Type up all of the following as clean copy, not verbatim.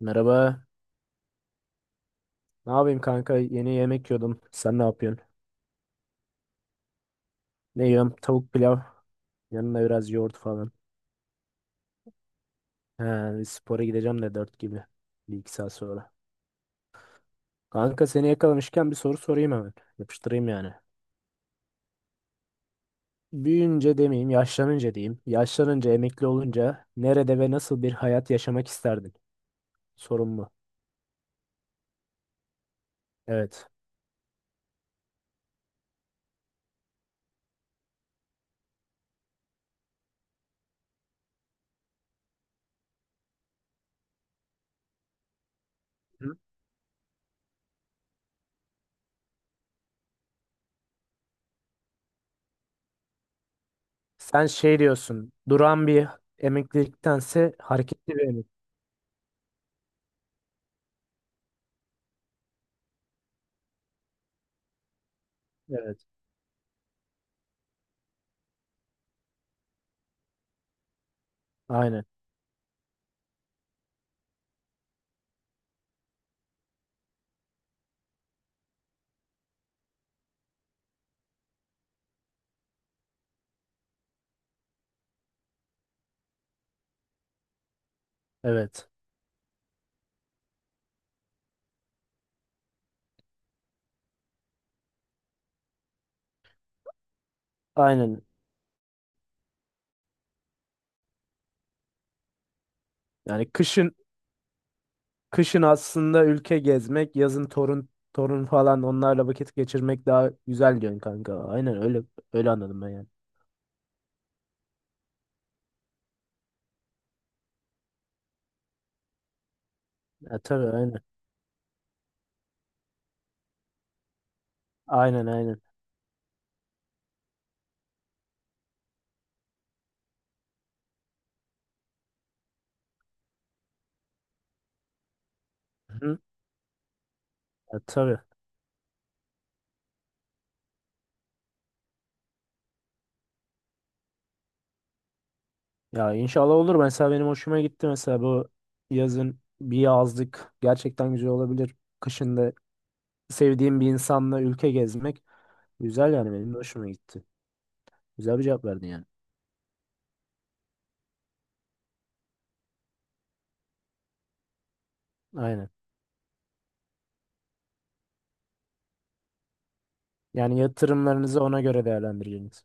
Merhaba. Ne yapayım kanka? Yeni yemek yiyordum. Sen ne yapıyorsun? Ne yiyorum? Tavuk pilav. Yanına biraz yoğurt falan. He, bir spora gideceğim de 4 gibi. Bir iki saat sonra. Kanka seni yakalamışken bir soru sorayım hemen. Yapıştırayım yani. Büyüyünce demeyeyim, yaşlanınca diyeyim. Yaşlanınca, emekli olunca nerede ve nasıl bir hayat yaşamak isterdin? Sorun bu. Evet. Hı? Sen şey diyorsun. Duran bir emekliliktense hareketli bir emeklilik. Evet. Aynen. Evet. Aynen. Yani kışın. Aslında ülke gezmek, yazın torun torun falan onlarla vakit geçirmek daha güzel diyorsun kanka. Aynen öyle öyle anladım ben yani. Ya, tabii aynen. Aynen aynen. Hı. Ya, tabii. Ya inşallah olur. Mesela benim hoşuma gitti, mesela bu yazın bir yazlık gerçekten güzel olabilir. Kışın da sevdiğim bir insanla ülke gezmek güzel, yani benim de hoşuma gitti. Güzel bir cevap verdin yani. Aynen. Yani yatırımlarınızı ona göre değerlendireceğiniz.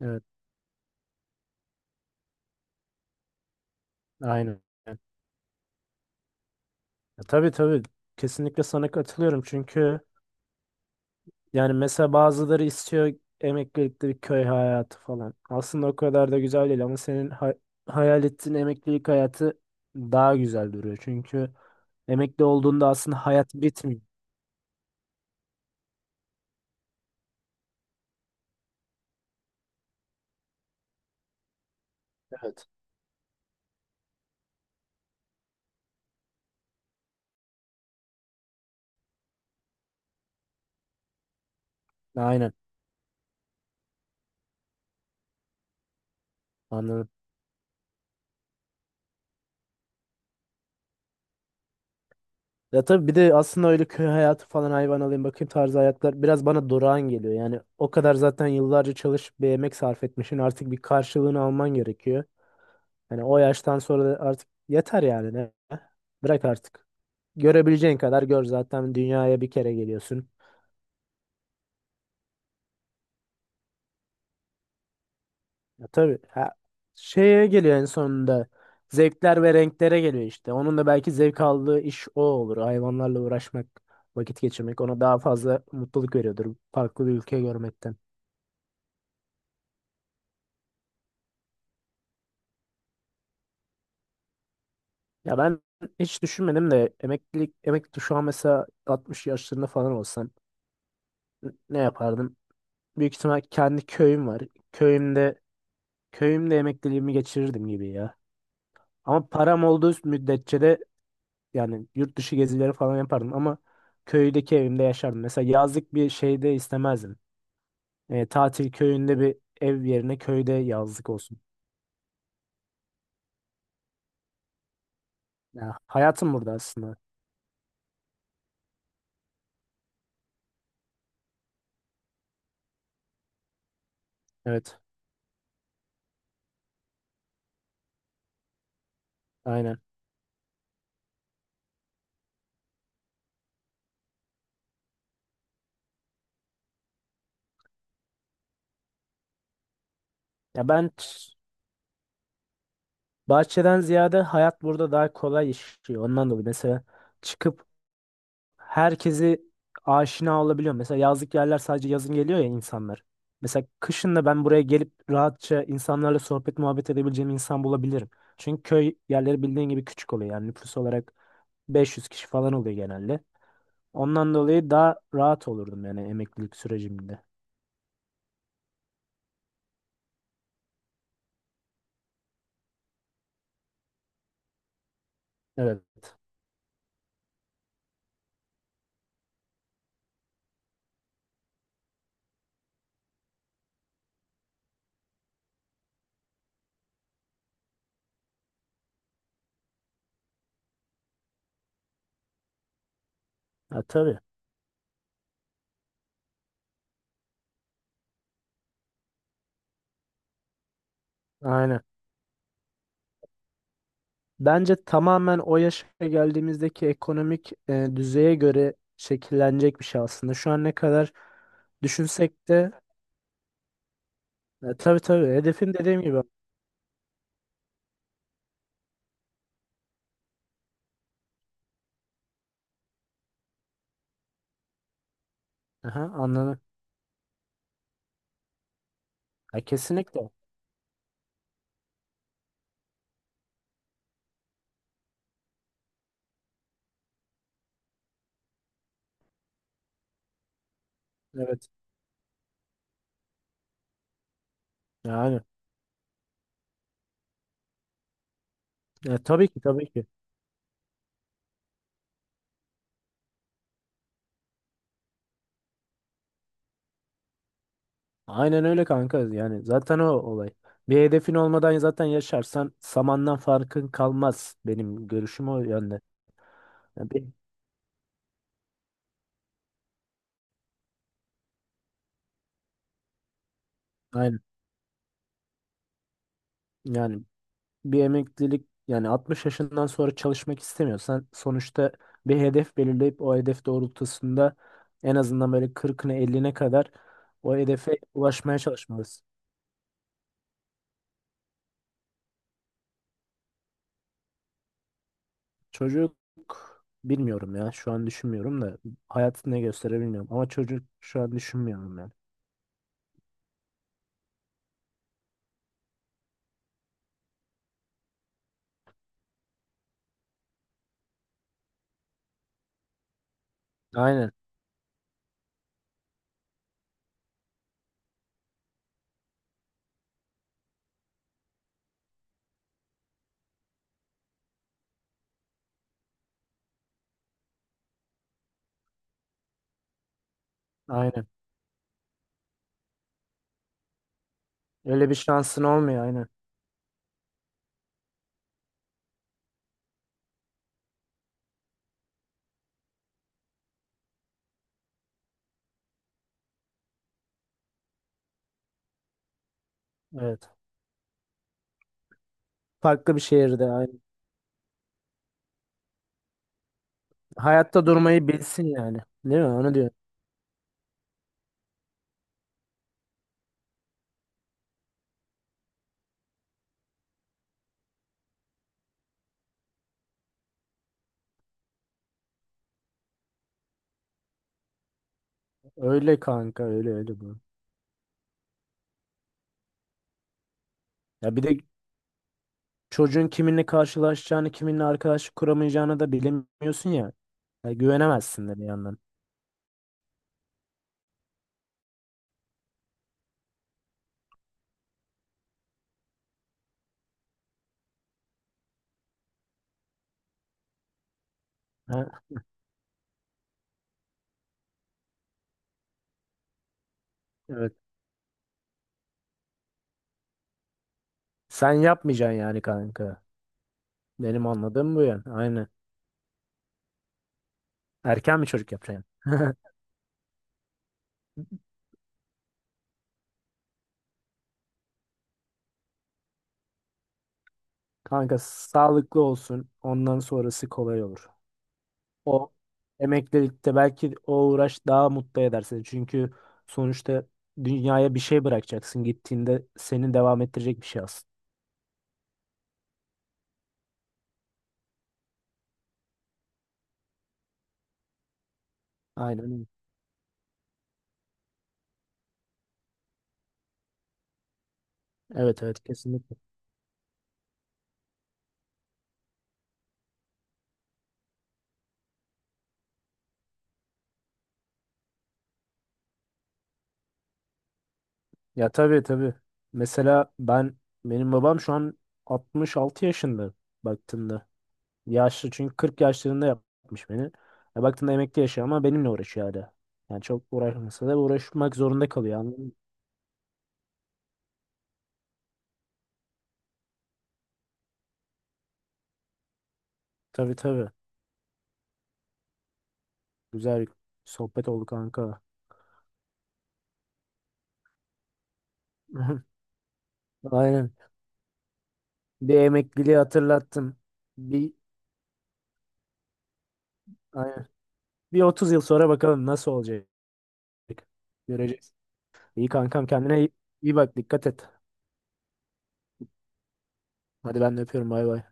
Evet. Aynen. Ya tabii tabii, kesinlikle sana katılıyorum çünkü yani mesela bazıları istiyor emeklilikte bir köy hayatı falan. Aslında o kadar da güzel değil ama senin hayal ettiğin emeklilik hayatı daha güzel duruyor. Çünkü emekli olduğunda aslında hayat bitmiyor. Evet. Aynen, anladım. Ya tabii, bir de aslında öyle köy hayatı falan, hayvan alayım bakayım tarzı hayatlar biraz bana durağan geliyor. Yani o kadar zaten yıllarca çalışıp bir emek sarf etmişsin, artık bir karşılığını alman gerekiyor. Hani o yaştan sonra da artık yeter yani ne? Bırak artık. Görebileceğin kadar gör, zaten dünyaya bir kere geliyorsun. Ya tabii, ha, şeye geliyor en sonunda. Zevkler ve renklere geliyor işte. Onun da belki zevk aldığı iş o olur. Hayvanlarla uğraşmak, vakit geçirmek ona daha fazla mutluluk veriyordur. Farklı bir ülke görmekten. Ya ben hiç düşünmedim de emeklilik, emekli, şu an mesela 60 yaşlarında falan olsam ne yapardım? Büyük ihtimal kendi köyüm var. Köyümde Köyümde emekliliğimi geçirirdim gibi ya. Ama param olduğu müddetçe de yani yurt dışı gezileri falan yapardım, ama köydeki evimde yaşardım. Mesela yazlık bir şeyde istemezdim. Tatil köyünde bir ev yerine köyde yazlık olsun. Ya, hayatım burada aslında. Evet, aynen. Ya ben bahçeden ziyade hayat burada daha kolay işliyor. Ondan dolayı mesela çıkıp herkesi aşina olabiliyor. Mesela yazlık yerler sadece yazın geliyor ya insanlar. Mesela kışın da ben buraya gelip rahatça insanlarla sohbet muhabbet edebileceğim insan bulabilirim. Çünkü köy yerleri bildiğin gibi küçük oluyor. Yani nüfus olarak 500 kişi falan oluyor genelde. Ondan dolayı daha rahat olurdum yani emeklilik sürecimde. Evet. Ha, tabii. Aynen. Bence tamamen o yaşa geldiğimizdeki ekonomik düzeye göre şekillenecek bir şey aslında. Şu an ne kadar düşünsek de. E, tabii tabii. Hedefim, dediğim gibi. Aha, anladım. Ya, kesinlikle. Evet. Yani. E, tabii ki tabii ki. Aynen öyle kanka. Yani zaten o olay. Bir hedefin olmadan zaten yaşarsan samandan farkın kalmaz. Benim görüşüm o yönde. Yani bir, aynen. Yani bir emeklilik, yani 60 yaşından sonra çalışmak istemiyorsan sonuçta bir hedef belirleyip o hedef doğrultusunda en azından böyle 40'ına 50'ne kadar o hedefe ulaşmaya çalışmalısın. Çocuk, bilmiyorum ya. Şu an düşünmüyorum da, hayatı ne gösterir bilmiyorum. Ama çocuk şu an düşünmüyorum yani. Aynen. Aynen. Öyle bir şansın olmuyor, aynen. Evet. Farklı bir şehirde, aynen. Hayatta durmayı bilsin yani. Değil mi? Onu diyor. Öyle kanka, öyle öyle bu. Ya bir de çocuğun kiminle karşılaşacağını, kiminle arkadaşlık kuramayacağını da bilemiyorsun ya. Ya güvenemezsin de bir yandan. Ha? Evet. Sen yapmayacaksın yani kanka. Benim anladığım bu yani. Aynen. Erken bir çocuk yapacaksın. Kanka sağlıklı olsun. Ondan sonrası kolay olur. O emeklilikte belki o uğraş daha mutlu eder seni. Çünkü sonuçta dünyaya bir şey bırakacaksın. Gittiğinde seni devam ettirecek bir şey aslında. Aynen. Öyle. Evet evet, kesinlikle. Ya tabii tabii. Mesela benim babam şu an 66 yaşında baktığında. Yaşlı, çünkü 40 yaşlarında yapmış beni. Ya baktığında emekli yaşıyor ama benimle uğraşıyor hala. Yani çok uğraşmasa da uğraşmak zorunda kalıyor. Anladın mı? Tabii tabii. Güzel sohbet oldu kanka. Aynen. Bir emekliliği hatırlattın. Bir, aynen. Bir 30 yıl sonra bakalım nasıl olacak. Göreceğiz. İyi kankam, kendine iyi bak, dikkat et. Hadi ben de öpüyorum, bay bay.